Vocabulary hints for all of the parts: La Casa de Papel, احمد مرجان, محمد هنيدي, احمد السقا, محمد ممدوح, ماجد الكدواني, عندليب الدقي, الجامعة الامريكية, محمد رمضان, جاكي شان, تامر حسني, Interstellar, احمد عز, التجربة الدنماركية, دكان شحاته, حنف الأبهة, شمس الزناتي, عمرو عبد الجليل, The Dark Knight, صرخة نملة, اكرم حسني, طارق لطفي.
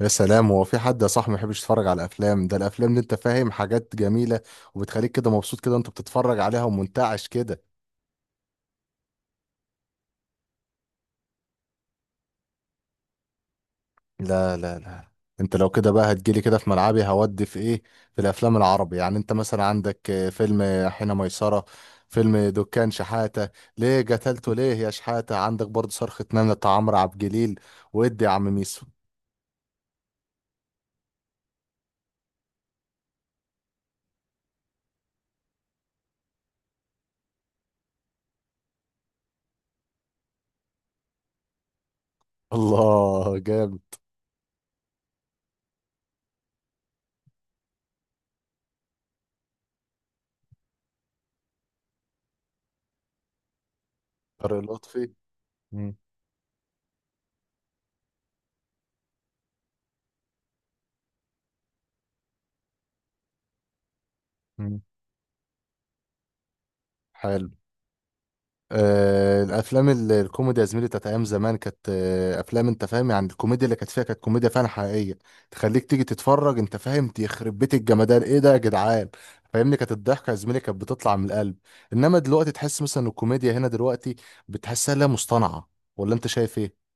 يا سلام، هو في حد يا صاحبي ما يحبش يتفرج على الافلام؟ ده الافلام اللي انت فاهم حاجات جميله، وبتخليك كده مبسوط كده، انت بتتفرج عليها ومنتعش كده. لا لا لا. انت لو كده بقى هتجيلي كده في ملعبي، هودي في ايه؟ في الافلام العربي، يعني انت مثلا عندك فيلم حين ميسره، فيلم دكان شحاته. ليه قتلته ليه يا شحاته؟ عندك برضه صرخه نمله بتاع عمرو عبد الجليل. وادي يا عم ميسو. الله، جامد! طارق لطفي. مم. مم. حلو. الافلام الكوميدي يا زميلي بتاعت ايام زمان كانت افلام، انت فاهم، يعني الكوميديا اللي كانت فيها كانت كوميديا فعلا حقيقيه، تخليك تيجي تتفرج. انت فاهم، يخرب بيت الجمدان، ايه ده يا جدعان! فاهمني، كانت الضحكه يا زميلي كانت بتطلع من القلب. انما دلوقتي تحس مثلا إن الكوميديا هنا دلوقتي بتحسها، لا مصطنعه، ولا انت شايف ايه؟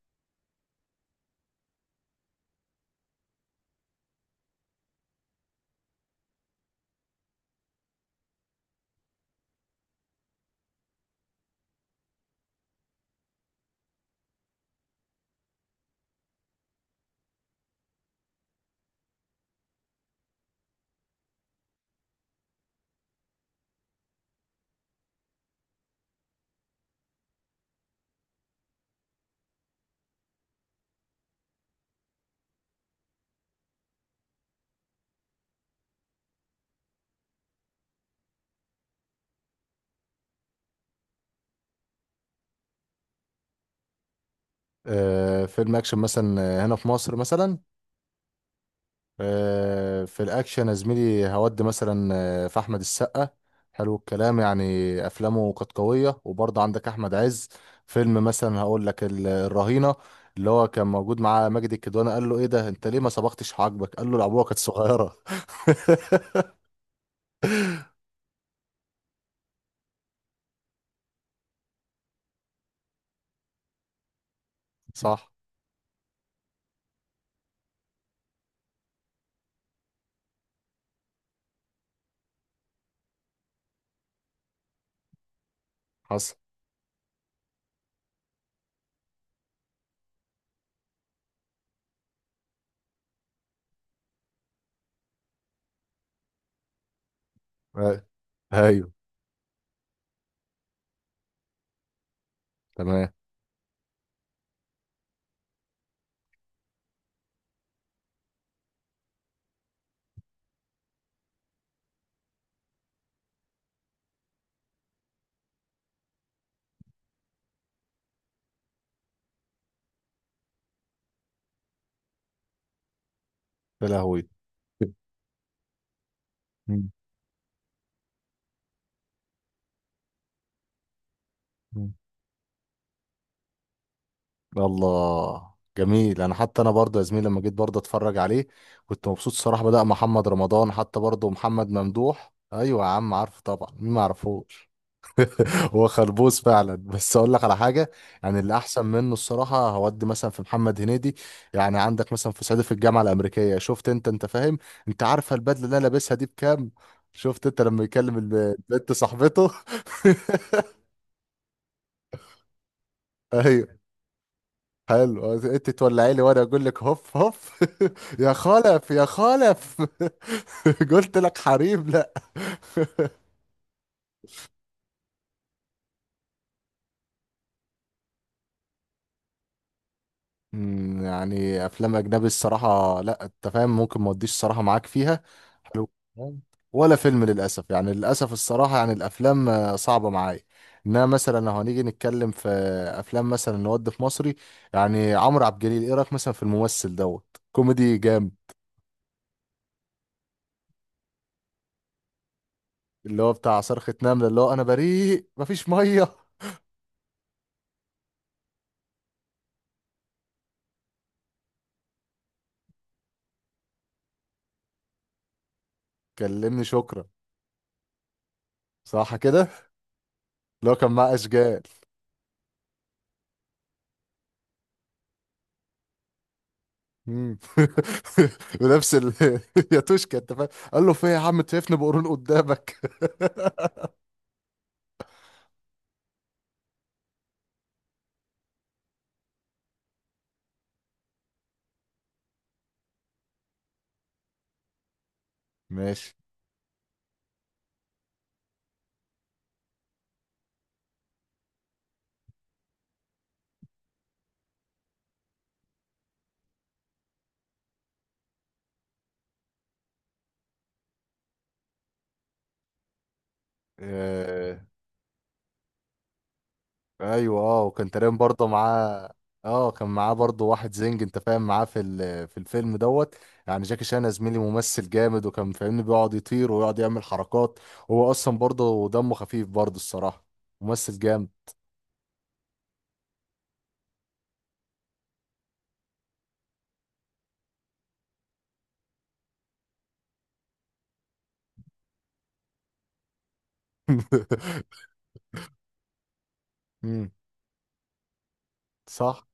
فيلم اكشن مثلا، هنا في مصر مثلا، في الاكشن يا زميلي، هودي مثلا في احمد السقا. حلو الكلام يعني. افلامه كانت قويه، وبرضه عندك احمد عز، فيلم مثلا هقول لك الرهينه، اللي هو كان موجود معاه ماجد الكدواني، قال له ايه ده؟ انت ليه ما صبغتش حاجبك؟ قال له العبوه كانت صغيره. صح. حصل. آه، ايوه. تمام. يا لهوي. الله، جميل. انا حتى انا برضه يا زميلي لما جيت برضه اتفرج عليه كنت مبسوط الصراحه. بدأ محمد رمضان، حتى برضه محمد ممدوح. ايوه يا عم عارفه، طبعا مين ما يعرفوش. هو خربوس فعلا، بس اقول لك على حاجه. يعني اللي احسن منه الصراحه، هودي مثلا في محمد هنيدي. يعني عندك مثلا في صعيدي في الجامعه الامريكيه، شفت انت، انت فاهم، انت عارفه البدله اللي انا لابسها دي بكام؟ شفت انت لما يكلم البنت صاحبته. ايوه. حلو. انت تولعي لي وانا اقول لك هف هف. يا خلف يا خلف. قلت لك حريم لا. يعني افلام اجنبي الصراحه، لا انت فاهم، ممكن ما اوديش الصراحه معاك فيها. حلو الكلام. ولا فيلم للاسف، يعني للاسف الصراحه، يعني الافلام صعبه معايا انها. مثلا لو هنيجي نتكلم في افلام، مثلا نود في مصري، يعني عمرو عبد الجليل ايه رايك مثلا في الممثل دوت؟ كوميدي جامد، اللي هو بتاع صرخة نملة، اللي هو انا بريء مفيش ميه. كلمني شكرا. صح كده. اللي هو كان معاه اشجال. مم. ونفس ال... يا توشكا، انت فاهم، قال له في إيه يا عم؟ أنت شايفني بقرون قدامك؟ ماشي. آه... ايوه، اه، وكان تقريبا برضه معاه. اه كان معاه برضه واحد زنج، انت فاهم، معاه في الفيلم دوت. يعني جاكي شان يا زميلي ممثل جامد، وكان فاهمني بيقعد يطير ويقعد يعمل حركات. هو اصلا برضه دمه خفيف، برضه الصراحة، ممثل جامد. مم. صح.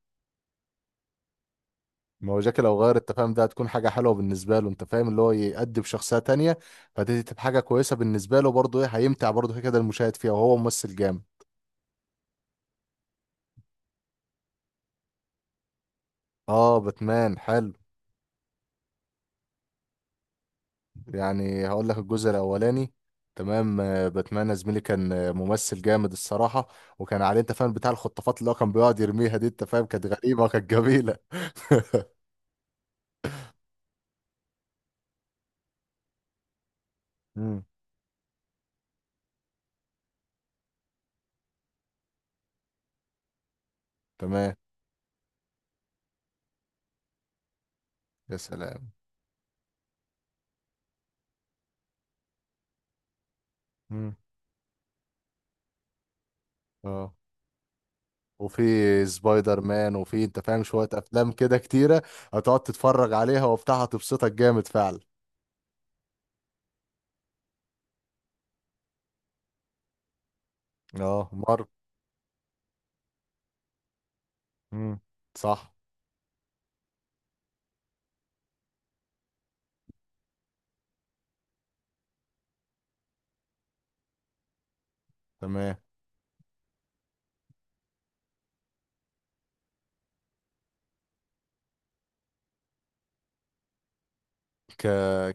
ما هو جاكي لو غير التفاهم ده هتكون حاجة حلوة بالنسبة له، انت فاهم، اللي هو يأدي بشخصية تانية. فدي تبقى حاجة كويسة بالنسبة له برضه، ايه، هيمتع برضه كده كده المشاهد فيها، وهو ممثل جامد. اه باتمان حلو. يعني هقول لك الجزء الاولاني. تمام. باتمان يا زميلي كان ممثل جامد الصراحة. وكان عليه، انت فاهم، بتاع الخطافات، اللي هو كان بيقعد يرميها دي، انت فاهم، كانت غريبة وكانت جميلة. مم. تمام. يا سلام. مم. اه. وفي سبايدر مان، وفي، انت فاهم، شوية افلام كده كتيرة هتقعد تتفرج عليها وبتاع، هتبسطك جامد فعلا. اه مر. امم. صح. تمام. ك...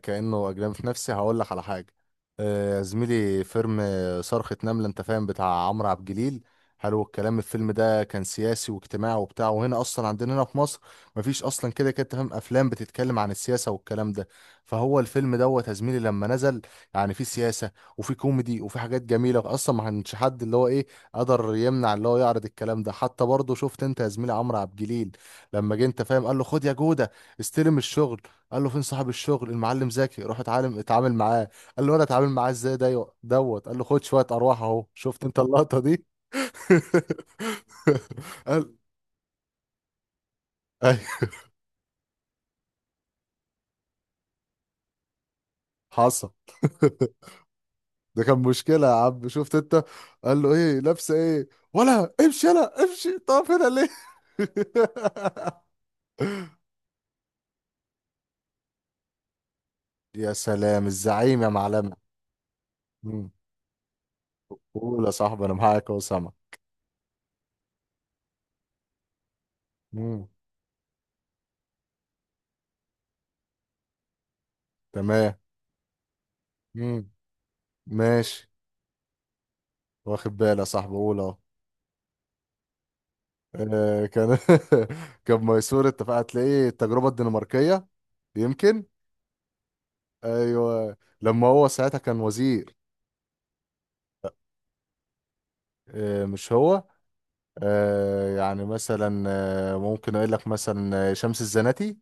كأنه أجنبي في نفسي، هقول لك على حاجة. يا زميلي فيلم صرخة نملة، أنت فاهم، بتاع عمرو عبد الجليل. حلو الكلام. الفيلم ده كان سياسي واجتماعي وبتاع، وهنا أصلا عندنا هنا في مصر مفيش أصلا كده كده، أنت فاهم، أفلام بتتكلم عن السياسة والكلام ده. فهو الفيلم دوت يا زميلي لما نزل، يعني فيه سياسة، وفيه كوميدي، وفيه حاجات جميلة. أصلا ما كانش حد اللي هو إيه، قدر يمنع اللي هو يعرض الكلام ده. حتى برضه شفت أنت يا زميلي عمرو عبد الجليل لما جه، أنت فاهم، قال له خد يا جودة، استلم الشغل. قال له فين صاحب الشغل المعلم زكي؟ روح اتعلم اتعامل معاه. قال له انا اتعامل معاه ازاي ده دوت؟ قال له خد شويه ارواح اهو. شفت انت اللقطه دي؟ قال اي. حصل. ده كان مشكله يا عم، شفت انت. قال له ايه لابسه ايه؟ ولا امشي يلا امشي، طب هنا ليه؟ يا سلام الزعيم يا معلمه. مم. قول يا صاحبي، انا معاك اهو سامع. مم. تمام. مم. ماشي. واخد بالي يا صاحبي قول اهو. كان. كان ميسور، اتفق. هتلاقيه التجربة الدنماركية يمكن. ايوه. لما هو ساعتها كان وزير. مش هو. يعني مثلا، ممكن اقول لك مثلا شمس الزناتي،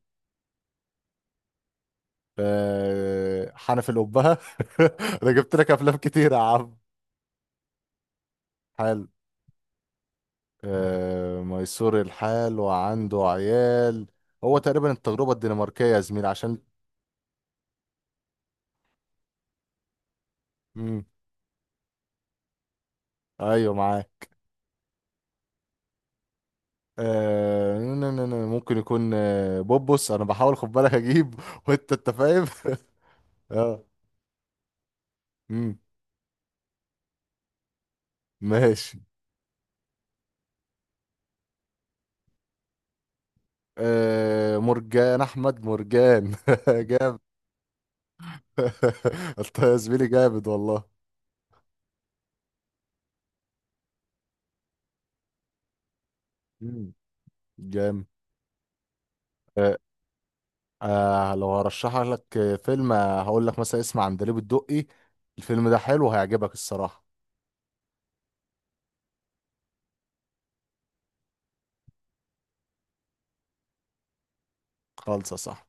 حنف الأبهة. انا جبت لك افلام كتير يا عم. حلو. ميسور الحال وعنده عيال. هو تقريبا التجربة الدنماركية يا زميل عشان. مم. ايوه معاك. ممكن يكون بوبوس، انا بحاول خد بالك اجيب. وانت فاهم. اه. مم، ماشي. آه مرجان احمد مرجان. جامد. انت يا زميلي جامد والله. مم، جامد. آه لو هرشح لك فيلم هقول لك مثلا، اسمع عندليب الدقي. الفيلم ده حلو هيعجبك الصراحة. خالصة صح.